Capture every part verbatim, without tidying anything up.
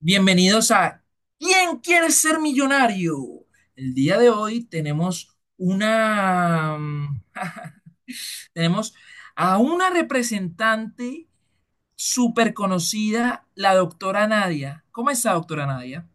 Bienvenidos a ¿Quién quiere ser millonario? El día de hoy tenemos una tenemos a una representante súper conocida, la doctora Nadia. ¿Cómo está, doctora Nadia?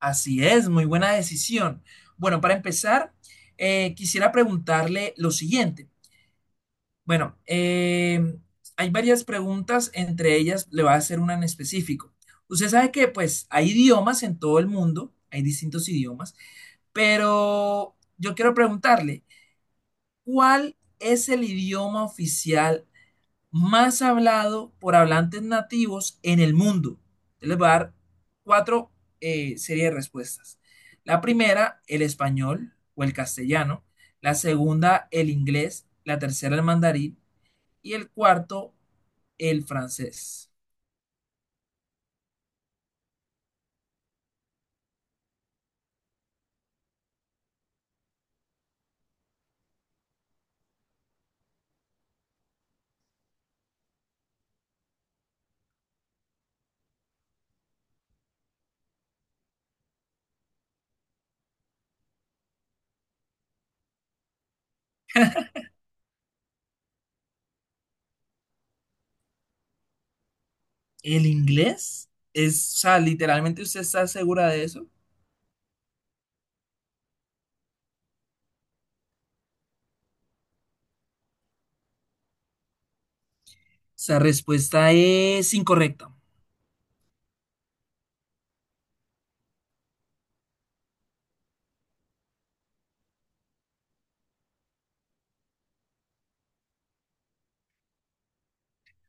Así es, muy buena decisión. Bueno, para empezar, eh, quisiera preguntarle lo siguiente. Bueno, eh, hay varias preguntas, entre ellas le voy a hacer una en específico. Usted sabe que pues hay idiomas en todo el mundo, hay distintos idiomas, pero yo quiero preguntarle, ¿cuál es el idioma oficial más hablado por hablantes nativos en el mundo? Yo les voy a dar cuatro eh, series de respuestas. La primera, el español o el castellano. La segunda, el inglés. La tercera, el mandarín y el cuarto, el francés. ¿El inglés? Es, o sea, literalmente usted está segura de eso. O sea, respuesta es incorrecta.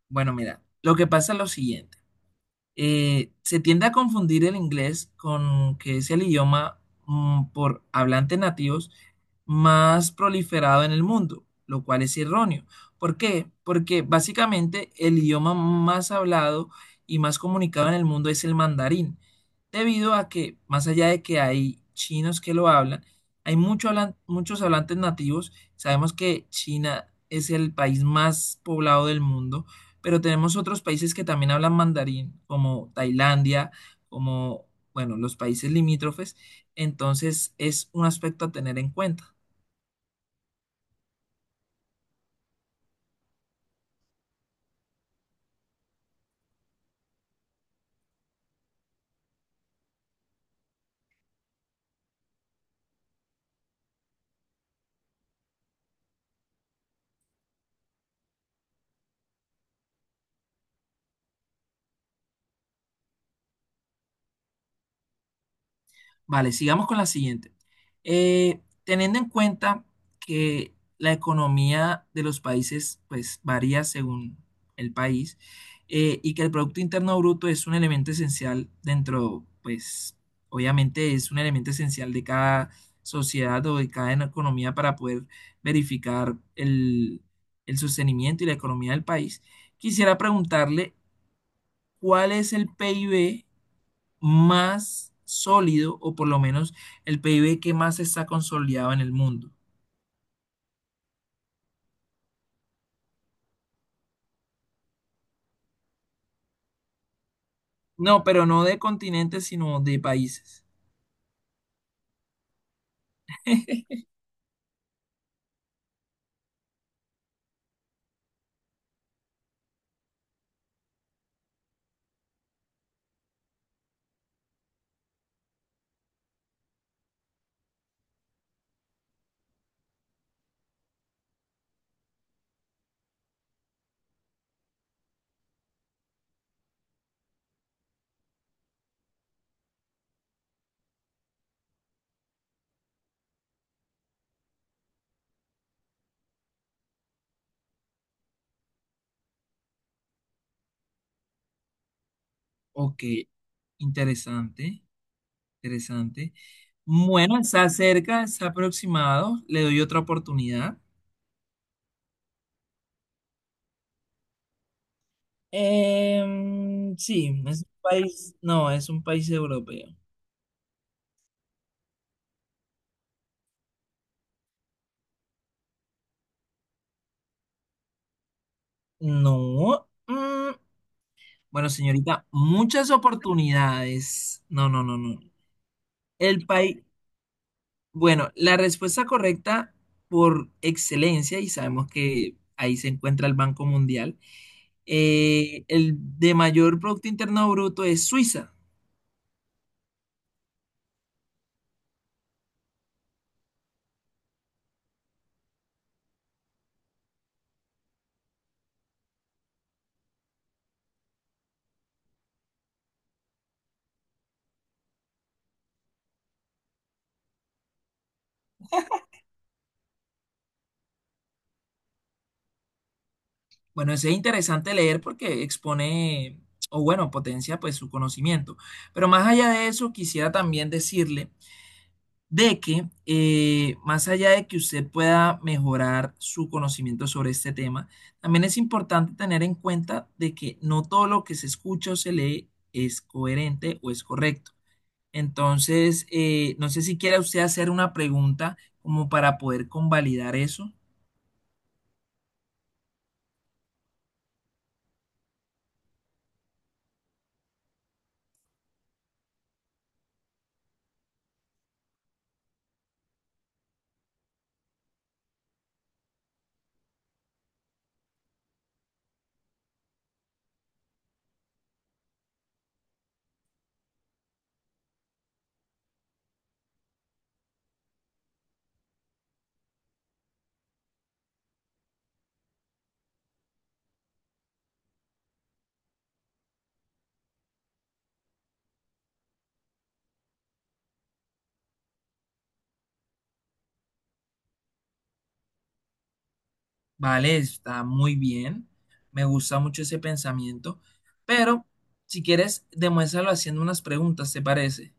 Bueno, mira, lo que pasa es lo siguiente. Eh, se tiende a confundir el inglés con que es el idioma mm, por hablantes nativos más proliferado en el mundo, lo cual es erróneo. ¿Por qué? Porque básicamente el idioma más hablado y más comunicado en el mundo es el mandarín, debido a que, más allá de que hay chinos que lo hablan, hay mucho hablan- muchos hablantes nativos. Sabemos que China es el país más poblado del mundo, pero tenemos otros países que también hablan mandarín, como Tailandia, como, bueno, los países limítrofes, entonces es un aspecto a tener en cuenta. Vale, sigamos con la siguiente. Eh, teniendo en cuenta que la economía de los países pues varía según el país eh, y que el Producto Interno Bruto es un elemento esencial dentro, pues obviamente es un elemento esencial de cada sociedad o de cada economía para poder verificar el, el sostenimiento y la economía del país, quisiera preguntarle cuál es el P I B más sólido o por lo menos el P I B que más está consolidado en el mundo. No, pero no de continentes, sino de países. Ok, interesante, interesante. Bueno, está cerca, está aproximado. Le doy otra oportunidad. Em, sí, es un país, no, es un país europeo. No. mm, Bueno, señorita, muchas oportunidades. No, no, no, no. El país, bueno, la respuesta correcta por excelencia, y sabemos que ahí se encuentra el Banco Mundial, eh, el de mayor Producto Interno Bruto es Suiza. Bueno, eso es interesante leer porque expone, o bueno, potencia pues su conocimiento. Pero más allá de eso, quisiera también decirle de que eh, más allá de que usted pueda mejorar su conocimiento sobre este tema, también es importante tener en cuenta de que no todo lo que se escucha o se lee es coherente o es correcto. Entonces, eh, no sé si quiera usted hacer una pregunta como para poder convalidar eso. Vale, está muy bien. Me gusta mucho ese pensamiento. Pero, si quieres, demuéstralo haciendo unas preguntas, ¿te parece?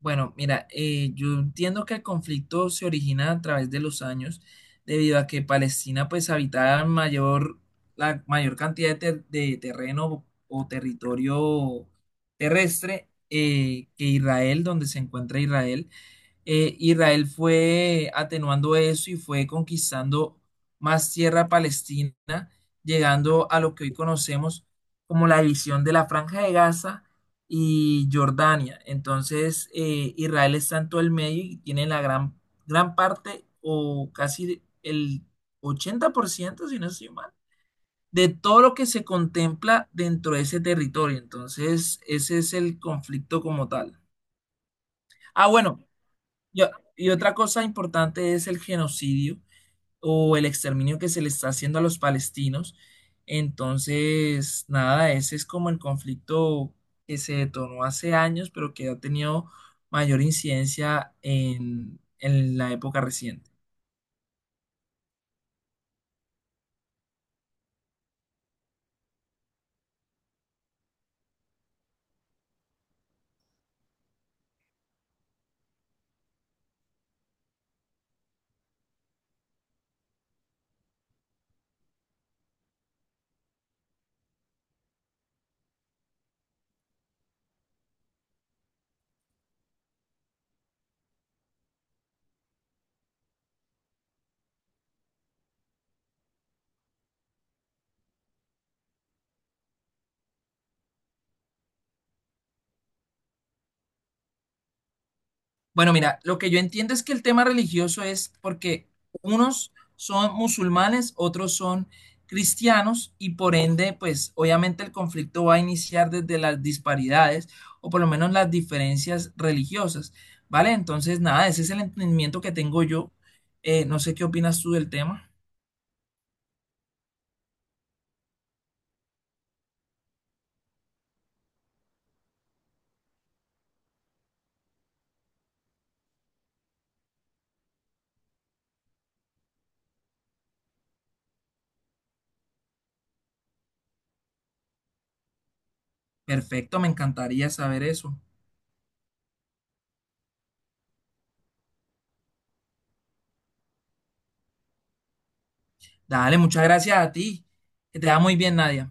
Bueno, mira, eh, yo entiendo que el conflicto se origina a través de los años, debido a que Palestina pues habitaba mayor, la mayor cantidad de, ter- de terreno o territorio terrestre eh, que Israel, donde se encuentra Israel. Eh, Israel fue atenuando eso y fue conquistando más tierra palestina, llegando a lo que hoy conocemos como la división de la Franja de Gaza y Jordania. Entonces, eh, Israel está en todo el medio y tiene la gran, gran parte o casi el ochenta por ciento si no estoy mal, de todo lo que se contempla dentro de ese territorio. Entonces, ese es el conflicto como tal. Ah, bueno, yo- y otra cosa importante es el genocidio o el exterminio que se le está haciendo a los palestinos. Entonces, nada, ese es como el conflicto que se detonó hace años, pero que ha tenido mayor incidencia en, en la época reciente. Bueno, mira, lo que yo entiendo es que el tema religioso es porque unos son musulmanes, otros son cristianos y por ende, pues obviamente el conflicto va a iniciar desde las disparidades o por lo menos las diferencias religiosas, ¿vale? Entonces, nada, ese es el entendimiento que tengo yo. Eh, no sé qué opinas tú del tema. Perfecto, me encantaría saber eso. Dale, muchas gracias a ti. Que te va muy bien, Nadia.